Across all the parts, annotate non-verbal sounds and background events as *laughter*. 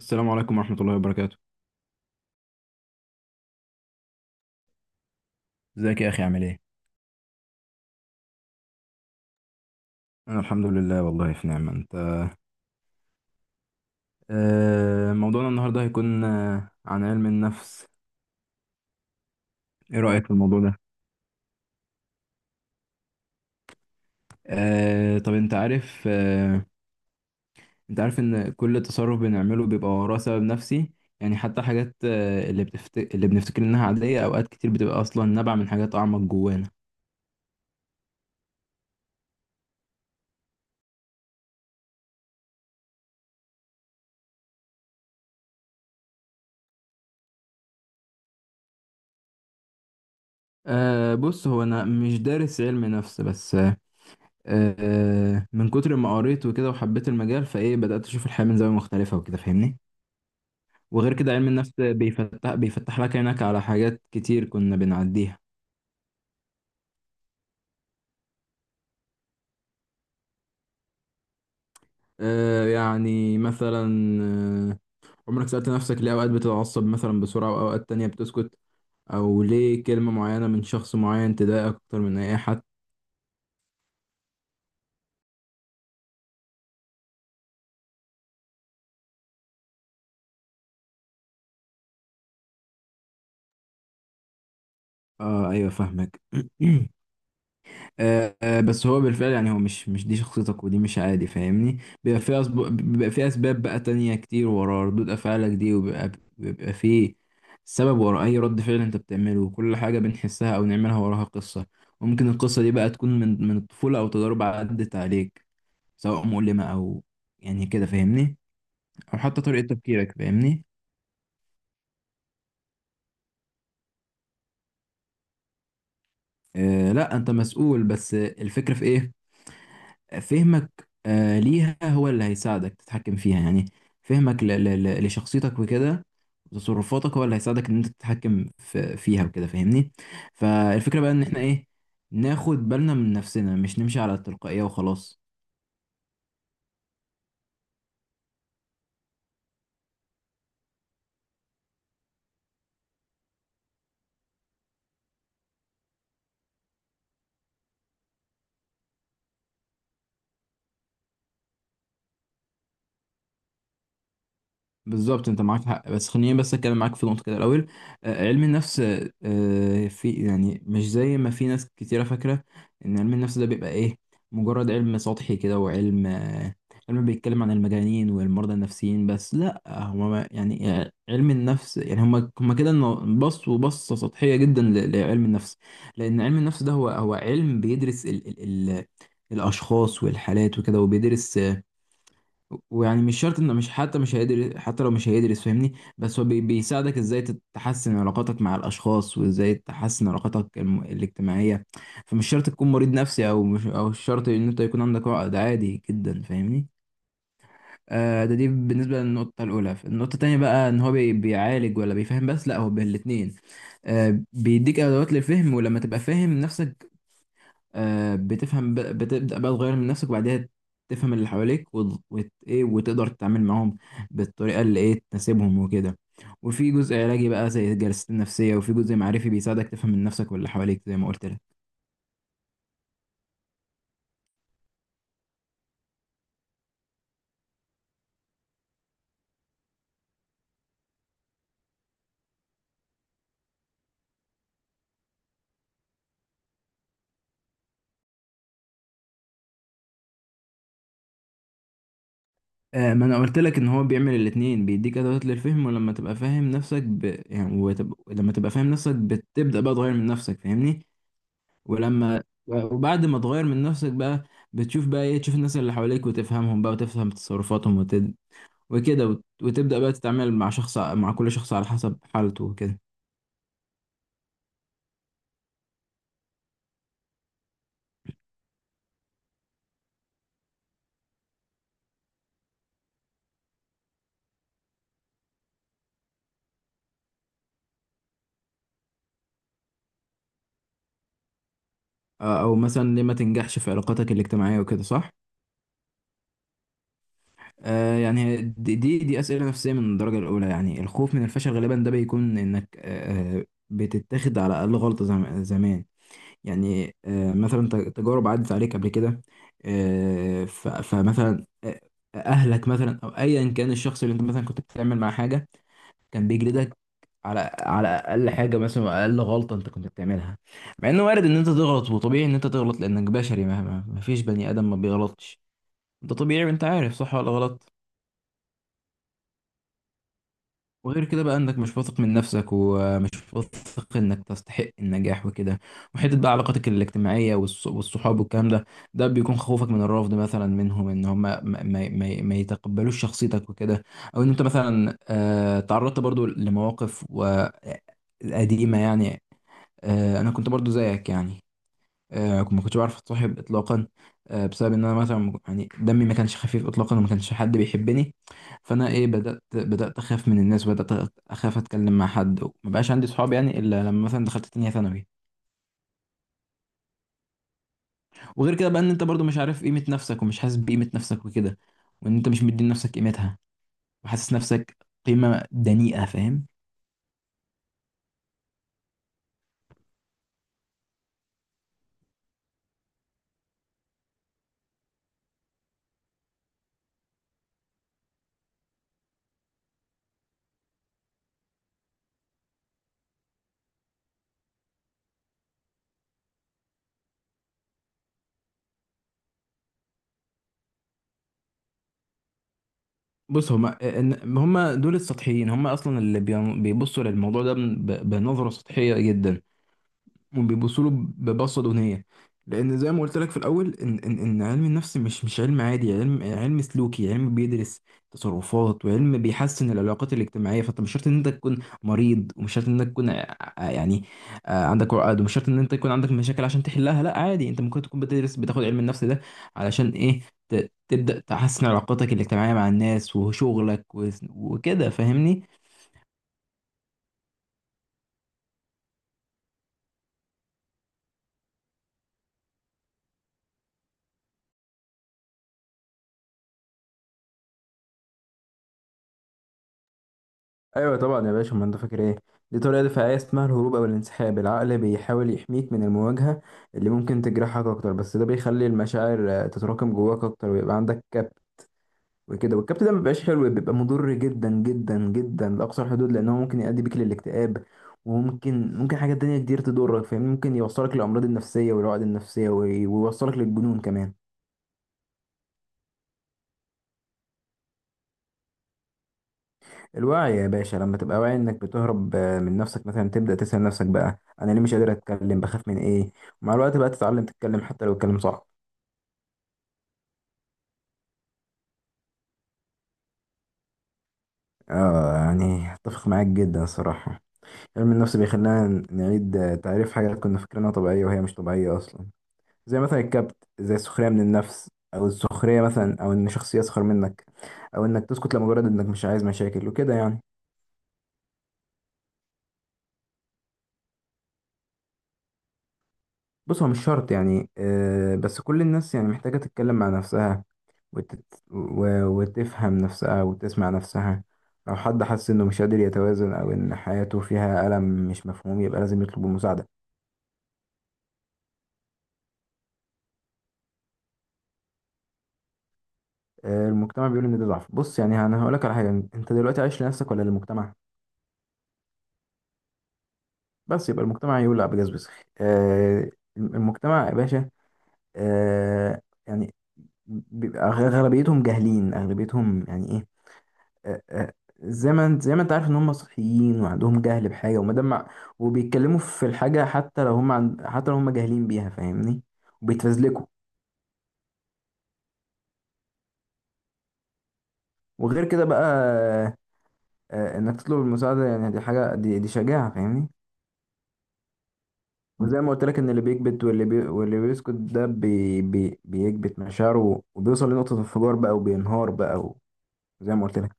السلام عليكم ورحمة الله وبركاته. ازيك يا اخي؟ عامل ايه؟ أنا الحمد لله، والله في نعمة. أنت؟ موضوعنا النهاردة هيكون عن علم النفس. إيه رأيك في الموضوع ده؟ طب أنت عارف إن كل تصرف بنعمله بيبقى وراه سبب نفسي. يعني حتى حاجات، اللي بنفتكر إنها عادية أوقات كتير بتبقى أصلا نابعة من حاجات أعمق جوانا. أه، بص هو أنا مش دارس علم نفس، بس أه آه، من كتر ما قريت وكده وحبيت المجال، فإيه بدأت أشوف الحياة من زاوية مختلفة وكده، فاهمني؟ وغير كده، علم النفس بيفتح لك عينك على حاجات كتير كنا بنعديها. يعني مثلا، آه عمرك سألت نفسك ليه أوقات بتتعصب مثلا بسرعة وأوقات تانية بتسكت؟ أو ليه كلمة معينة من شخص معين تضايقك أكتر من أي حد؟ أيوة، فاهمك. *clears throat* بس هو بالفعل، يعني هو مش دي شخصيتك، ودي مش عادي، فاهمني. بيبقى في اسباب بقى تانية كتير ورا ردود افعالك دي، وبيبقى في سبب ورا اي رد فعل انت بتعمله، وكل حاجة بنحسها او نعملها وراها قصة. وممكن القصة دي بقى تكون من الطفولة او تجارب عدت عليك، سواء مؤلمة او يعني كده، فاهمني. او حتى طريقة تفكيرك، فاهمني. لا، انت مسؤول، بس الفكرة في ايه؟ فهمك ليها هو اللي هيساعدك تتحكم فيها يعني. فهمك لشخصيتك وكده، وتصرفاتك هو اللي هيساعدك ان انت تتحكم فيها وكده، فاهمني. فالفكرة بقى ان احنا ايه؟ ناخد بالنا من نفسنا، مش نمشي على التلقائية وخلاص. بالظبط، انت معاك حق، بس خليني بس اتكلم معاك في نقطه كده الاول. علم النفس، في يعني مش زي ما في ناس كتيره فاكره ان علم النفس ده بيبقى ايه، مجرد علم سطحي كده، وعلم آه، علم بيتكلم عن المجانين والمرضى النفسيين بس. لا، هو يعني علم النفس يعني هم كده، انه بصوا بصه سطحيه جدا لعلم النفس. لان علم النفس ده هو علم بيدرس ال ال ال الاشخاص والحالات وكده، وبيدرس، ويعني مش شرط انه مش، حتى مش هيدرس، حتى لو مش هيدرس، فاهمني. بس هو بيساعدك ازاي تحسن علاقاتك مع الاشخاص، وازاي تحسن علاقاتك الاجتماعية. فمش شرط تكون مريض نفسي، او مش، او مش شرط ان انت يكون عندك عقد، عادي جدا، فاهمني. ده دي بالنسبة للنقطة الأولى. النقطة التانية بقى، إن هو بيعالج ولا بيفهم بس؟ لأ، هو بالاتنين. بيديك أدوات للفهم، ولما تبقى فاهم نفسك بتفهم، بتبدأ بقى تغير من نفسك، وبعدها تفهم اللي حواليك ايه، وتقدر تتعامل معاهم بالطريقة اللي ايه تناسبهم وكده. وفي جزء علاجي بقى زي الجلسات النفسية، وفي جزء معرفي بيساعدك تفهم من نفسك واللي حواليك، زي ما قلت لك. ما انا قلت لك ان هو بيعمل الاتنين. بيديك ادوات للفهم، ولما تبقى فاهم نفسك لما تبقى فاهم نفسك بتبدأ بقى تغير من نفسك، فاهمني. وبعد ما تغير من نفسك بقى، بتشوف بقى ايه تشوف الناس اللي حواليك وتفهمهم بقى، وتفهم تصرفاتهم وكده، وتبدأ بقى تتعامل مع كل شخص على حسب حالته وكده. او مثلا ليه ما تنجحش في علاقاتك الاجتماعية وكده، صح؟ يعني هي دي أسئلة نفسية من الدرجة الأولى. يعني الخوف من الفشل غالبا ده بيكون إنك بتتاخد على أقل غلطة زمان. يعني مثلا تجارب عدت عليك قبل كده. فمثلا أهلك مثلا، أو أيا كان الشخص اللي أنت مثلا كنت بتعمل معاه حاجة، كان بيجلدك على اقل حاجه، مثلا اقل غلطه انت كنت بتعملها، مع انه وارد ان انت تغلط، وطبيعي ان انت تغلط لانك بشري. مهما ما فيش بني ادم ما بيغلطش. انت طبيعي، وانت عارف صح ولا غلط. وغير كده بقى، انك مش واثق من نفسك، ومش واثق انك تستحق النجاح وكده. وحته بقى علاقاتك الاجتماعيه والصحاب والكلام ده، ده بيكون خوفك من الرفض مثلا منهم، ان هم ما يتقبلوش شخصيتك وكده. او ان انت مثلا تعرضت برضو لمواقف قديمة يعني. انا كنت برضو زيك، يعني ما كنتش بعرف اتصاحب اطلاقا، بسبب ان انا مثلا يعني دمي ما كانش خفيف اطلاقا، وما كانش حد بيحبني. فانا ايه، بدات اخاف من الناس، بدات اخاف اتكلم مع حد، وما بقاش عندي صحاب يعني، الا لما مثلا دخلت تانية ثانوي. وغير كده بقى ان انت برضو مش عارف قيمه نفسك، ومش حاسس بقيمه نفسك وكده، وان انت مش مدي لنفسك قيمتها، وحاسس نفسك قيمه دنيئه، فاهم؟ بص، هما هما دول السطحيين، هما اصلا اللي بيبصوا للموضوع ده بنظره سطحيه جدا، وبيبصوا له ببصه دونيه. لان زي ما قلت لك في الاول ان علم النفس مش علم عادي، علم سلوكي، علم بيدرس تصرفات، وعلم بيحسن العلاقات الاجتماعيه. فانت مش شرط ان انت تكون مريض، ومش شرط ان انت تكون يعني عندك عقد، ومش شرط ان انت يكون عندك مشاكل عشان تحلها. لا، عادي، انت ممكن تكون بتدرس، بتاخد علم النفس ده علشان ايه، تبدا تحسن علاقاتك الاجتماعيه مع الناس وشغلك وكده، فاهمني. ايوه طبعا يا باشا، ما انت فاكر ايه، دي طريقه دفاعيه اسمها الهروب او الانسحاب. العقل بيحاول يحميك من المواجهه اللي ممكن تجرحك اكتر، بس ده بيخلي المشاعر تتراكم جواك اكتر، ويبقى عندك كبت وكده. والكبت ده ما بيبقاش حلو، بيبقى مضر جدا جدا جدا لاقصى الحدود، لانه ممكن يؤدي بيك للاكتئاب، وممكن حاجات تانية كتير تضرك، فاهم؟ ممكن يوصلك للامراض النفسيه والعقد النفسيه، ويوصلك للجنون كمان. الوعي يا باشا. لما تبقى واعي انك بتهرب من نفسك مثلا، تبدأ تسأل نفسك بقى، انا ليه مش قادر اتكلم؟ بخاف من ايه؟ ومع الوقت بقى تتعلم تتكلم، حتى لو الكلام صعب. اه، يعني اتفق معاك جدا الصراحة. علم النفس بيخلينا نعيد تعريف حاجات كنا فاكرينها طبيعية، وهي مش طبيعية اصلا، زي مثلا الكبت، زي السخرية من النفس، او السخرية مثلا، او ان شخص يسخر منك، او انك تسكت لمجرد انك مش عايز مشاكل وكده يعني. بص، هو مش شرط يعني، بس كل الناس يعني محتاجة تتكلم مع نفسها، وتت... وتفهم نفسها وتسمع نفسها. لو حد حس إنه مش قادر يتوازن، أو إن حياته فيها ألم مش مفهوم، يبقى لازم يطلب المساعدة. المجتمع بيقول إن ده ضعف. بص يعني، أنا هقولك على حاجة، أنت دلوقتي عايش لنفسك ولا للمجتمع؟ بس يبقى المجتمع يقول لا بجاز بس. آه، المجتمع يا باشا، يعني بيبقى غالبيتهم جاهلين، أغلبيتهم يعني إيه. آه، آه، زي ما انت، عارف ان هم صحيين وعندهم جهل بحاجه، وما دام وبيتكلموا في الحاجه، حتى لو هم جاهلين بيها، فاهمني، وبيتفزلكوا. وغير كده بقى انك تطلب المساعده يعني، دي حاجه، دي شجاعه، فاهمني. وزي ما قلت لك ان اللي بيكبت، واللي بيسكت ده بيكبت مشاعره، وبيوصل لنقطه انفجار بقى، وبينهار بقى، وزي ما قلت لك.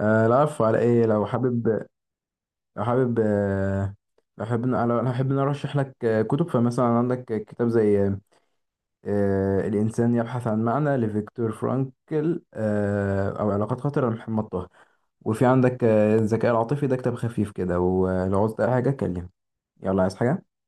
لا، عارف على ايه، لو حابب، لو حابب آه، لو حابب، لو لو حابب نرشح لك كتب، فمثلا عندك كتاب زي الإنسان يبحث عن معنى لفيكتور فرانكل، أو علاقات خطرة لمحمد طه، وفي عندك الذكاء العاطفي، ده كتاب خفيف كده. ولو عاوزت أي حاجة كلمني. يلا، عايز حاجة؟